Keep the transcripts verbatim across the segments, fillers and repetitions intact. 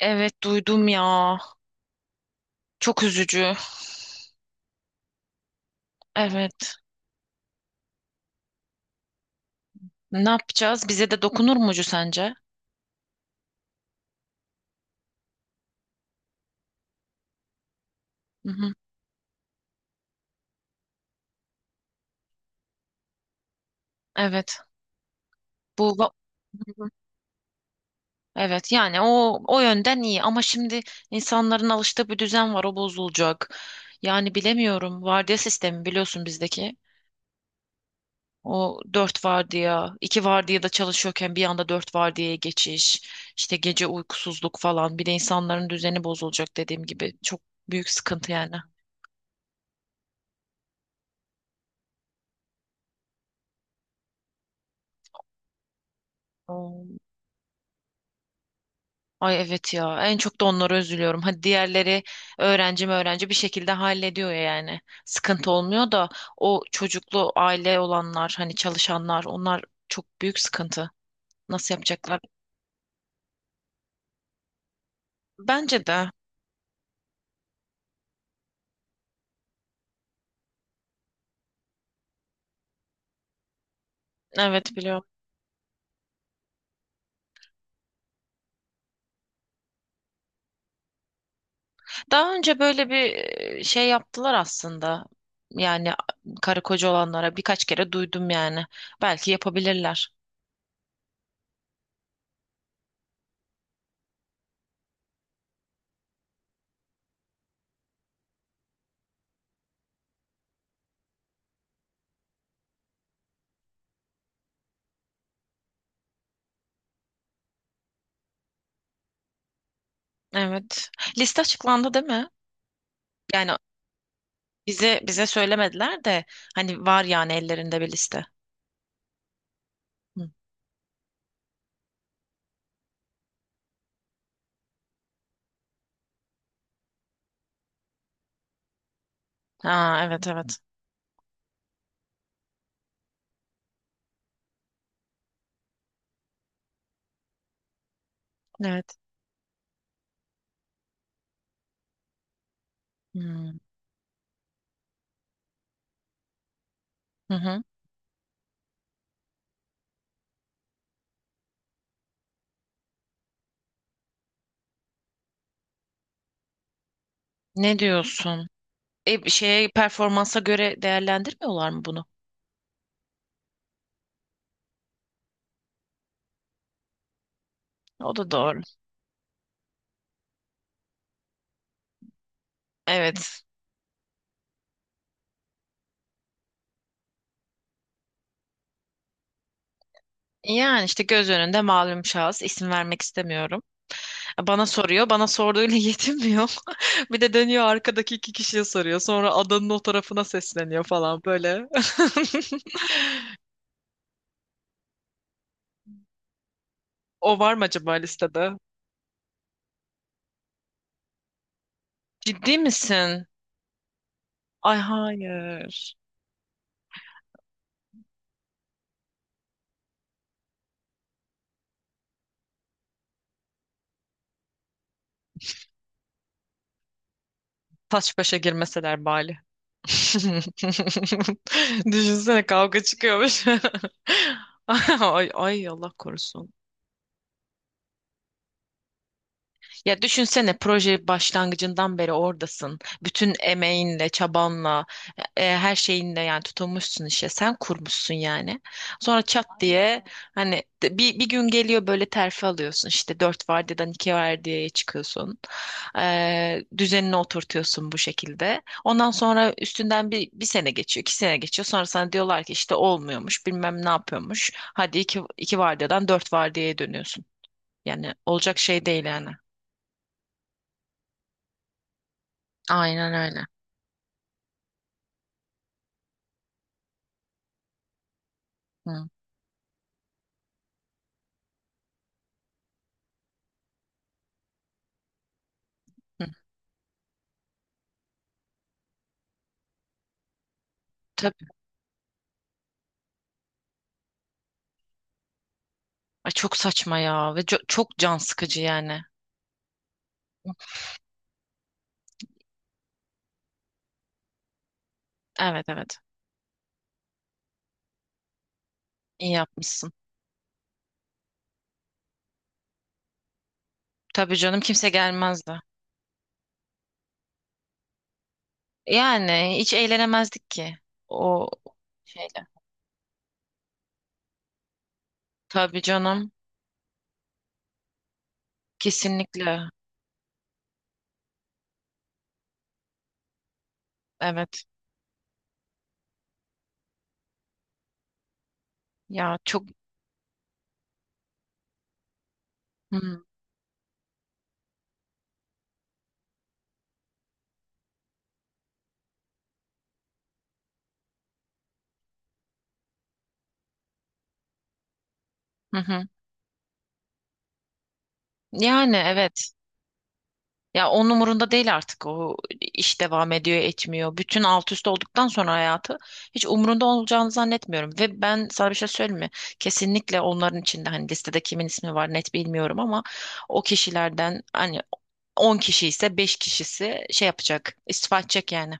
Evet duydum ya. Çok üzücü. Evet. Ne yapacağız? Bize de dokunur mucu sence? Hı hı. Evet. Bu va- evet yani o o yönden iyi ama şimdi insanların alıştığı bir düzen var o bozulacak. Yani bilemiyorum. Vardiya sistemi biliyorsun bizdeki. O dört vardiya, iki vardiyada çalışıyorken bir anda dört vardiyaya geçiş, işte gece uykusuzluk falan. Bir de insanların düzeni bozulacak dediğim gibi. Çok büyük sıkıntı yani. Ay evet ya en çok da onlara üzülüyorum. Hadi diğerleri öğrenci mi öğrenci bir şekilde hallediyor yani. Sıkıntı olmuyor da o çocuklu aile olanlar hani çalışanlar onlar çok büyük sıkıntı. Nasıl yapacaklar? Bence de evet biliyorum. Daha önce böyle bir e, şey yaptılar aslında. Yani a- karı koca olanlara birkaç kere duydum yani. Belki yapabilirler. Evet. Liste açıklandı değil mi? Yani bize bize söylemediler de hani var yani ellerinde bir liste. Hı. Ha evet evet. Evet. Hmm. Hı hı. Ne diyorsun? E, bir şeye performansa göre değerlendirmiyorlar mı bunu? O da doğru. Evet. Yani işte göz önünde malum şahıs isim vermek istemiyorum. E, Bana soruyor. Bana sorduğuyla yetinmiyor. Bir de dönüyor arkadaki iki kişiye soruyor. Sonra adanın o tarafına sesleniyor falan böyle. O var mı acaba listede? Ciddi misin? Ay hayır. Taş başa girmeseler bari. Düşünsene kavga çıkıyormuş. Ay, ay Allah korusun. Ya düşünsene proje başlangıcından beri oradasın. Bütün emeğinle, çabanla, e, her şeyinle yani tutulmuşsun işe. Sen kurmuşsun yani. Sonra çat diye hani de- bir, bir gün geliyor böyle terfi alıyorsun. İşte dört vardiyadan iki vardiyaya çıkıyorsun. Ee, düzenini oturtuyorsun bu şekilde. Ondan sonra üstünden bir, bir sene geçiyor, iki sene geçiyor. Sonra sana diyorlar ki işte olmuyormuş, bilmem ne yapıyormuş. Hadi iki, iki vardiyadan dört vardiyaya dönüyorsun. Yani olacak şey değil yani. Aynen öyle. Hı, hı. Tabii. Ay çok saçma ya ve co- çok can sıkıcı yani. Evet evet. İyi yapmışsın. Tabii canım kimse gelmezdi. Yani hiç eğlenemezdik ki o şeyle. Tabii canım. Kesinlikle. Evet. Ya çok. Hı, hı, hı. Yani evet. Ya onun umurunda değil artık o iş devam ediyor etmiyor. Bütün alt üst olduktan sonra hayatı hiç umurunda olacağını zannetmiyorum. Ve ben sana bir şey söyleyeyim mi? Kesinlikle onların içinde hani listede kimin ismi var net bilmiyorum ama o kişilerden hani on kişi ise beş kişisi şey yapacak istifa edecek yani.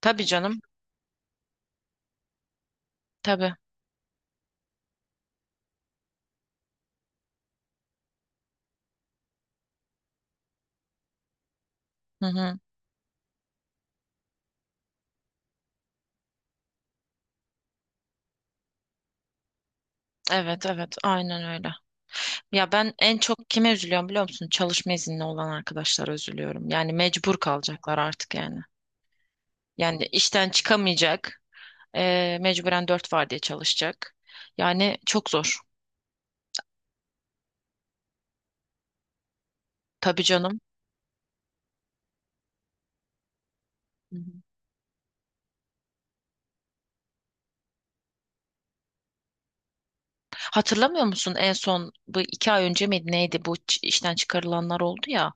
Tabii canım tabii. Hı hı. Evet evet aynen öyle. Ya ben en çok kime üzülüyorum biliyor musun? Çalışma izni olan arkadaşlara üzülüyorum. Yani mecbur kalacaklar artık yani. Yani işten çıkamayacak. Ee, mecburen dört vardiya çalışacak. Yani çok zor. Tabii canım. Hı hı. Hatırlamıyor musun en son bu iki ay önce miydi neydi bu ç- işten çıkarılanlar oldu ya.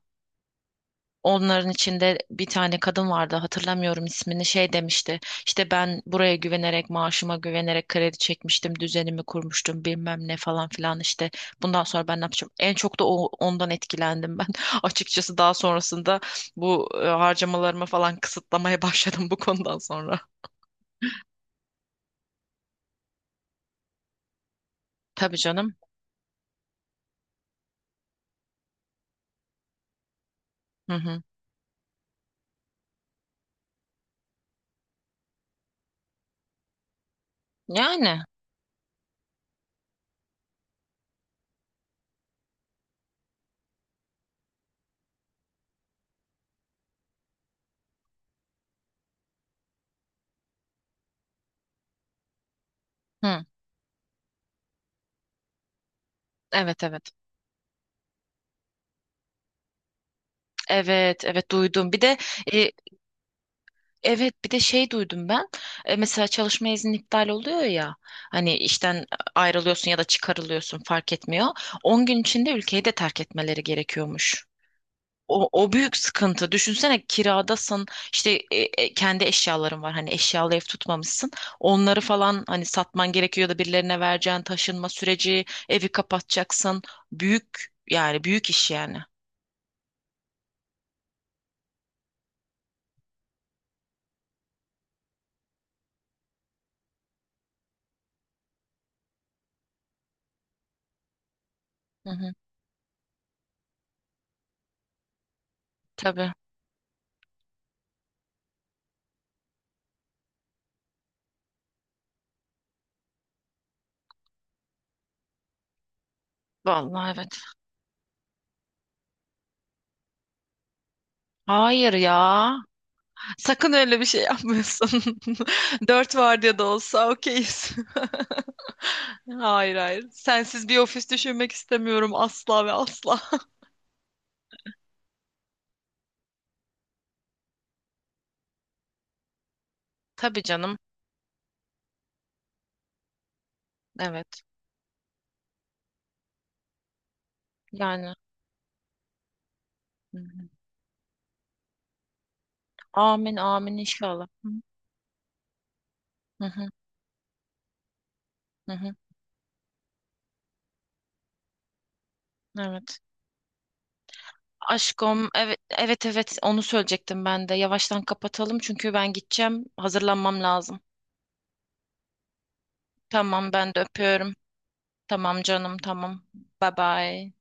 Onların içinde bir tane kadın vardı hatırlamıyorum ismini şey demişti. İşte ben buraya güvenerek maaşıma güvenerek kredi çekmiştim düzenimi kurmuştum bilmem ne falan filan işte bundan sonra ben ne yapacağım. En çok da o, ondan etkilendim ben açıkçası daha sonrasında bu e, harcamalarımı falan kısıtlamaya başladım bu konudan sonra. Tabii canım. Hı hı. Yani. Hı. Evet evet. Evet evet duydum. Bir de e, evet, bir de şey duydum ben. E, mesela çalışma izni iptal oluyor ya. Hani işten ayrılıyorsun ya da çıkarılıyorsun fark etmiyor. On gün içinde ülkeyi de terk etmeleri gerekiyormuş. O, o büyük sıkıntı. Düşünsene kiradasın işte e, e, kendi eşyaların var hani eşyalı ev tutmamışsın. Onları falan hani satman gerekiyor ya da birilerine vereceğin taşınma süreci evi kapatacaksın. Büyük yani büyük iş yani. Hı hı, tabii. Vallahi evet. Hayır ya. Sakın öyle bir şey yapmıyorsun. Dört var diye de olsa okeyiz. Hayır hayır. Sensiz bir ofis düşünmek istemiyorum asla ve asla. Tabii canım. Evet. Yani hı hı. Amin amin inşallah. Hı hı hı hı. Evet. Aşkım evet evet evet onu söyleyecektim ben de. Yavaştan kapatalım çünkü ben gideceğim. Hazırlanmam lazım. Tamam ben de öpüyorum. Tamam canım tamam. Bye bye.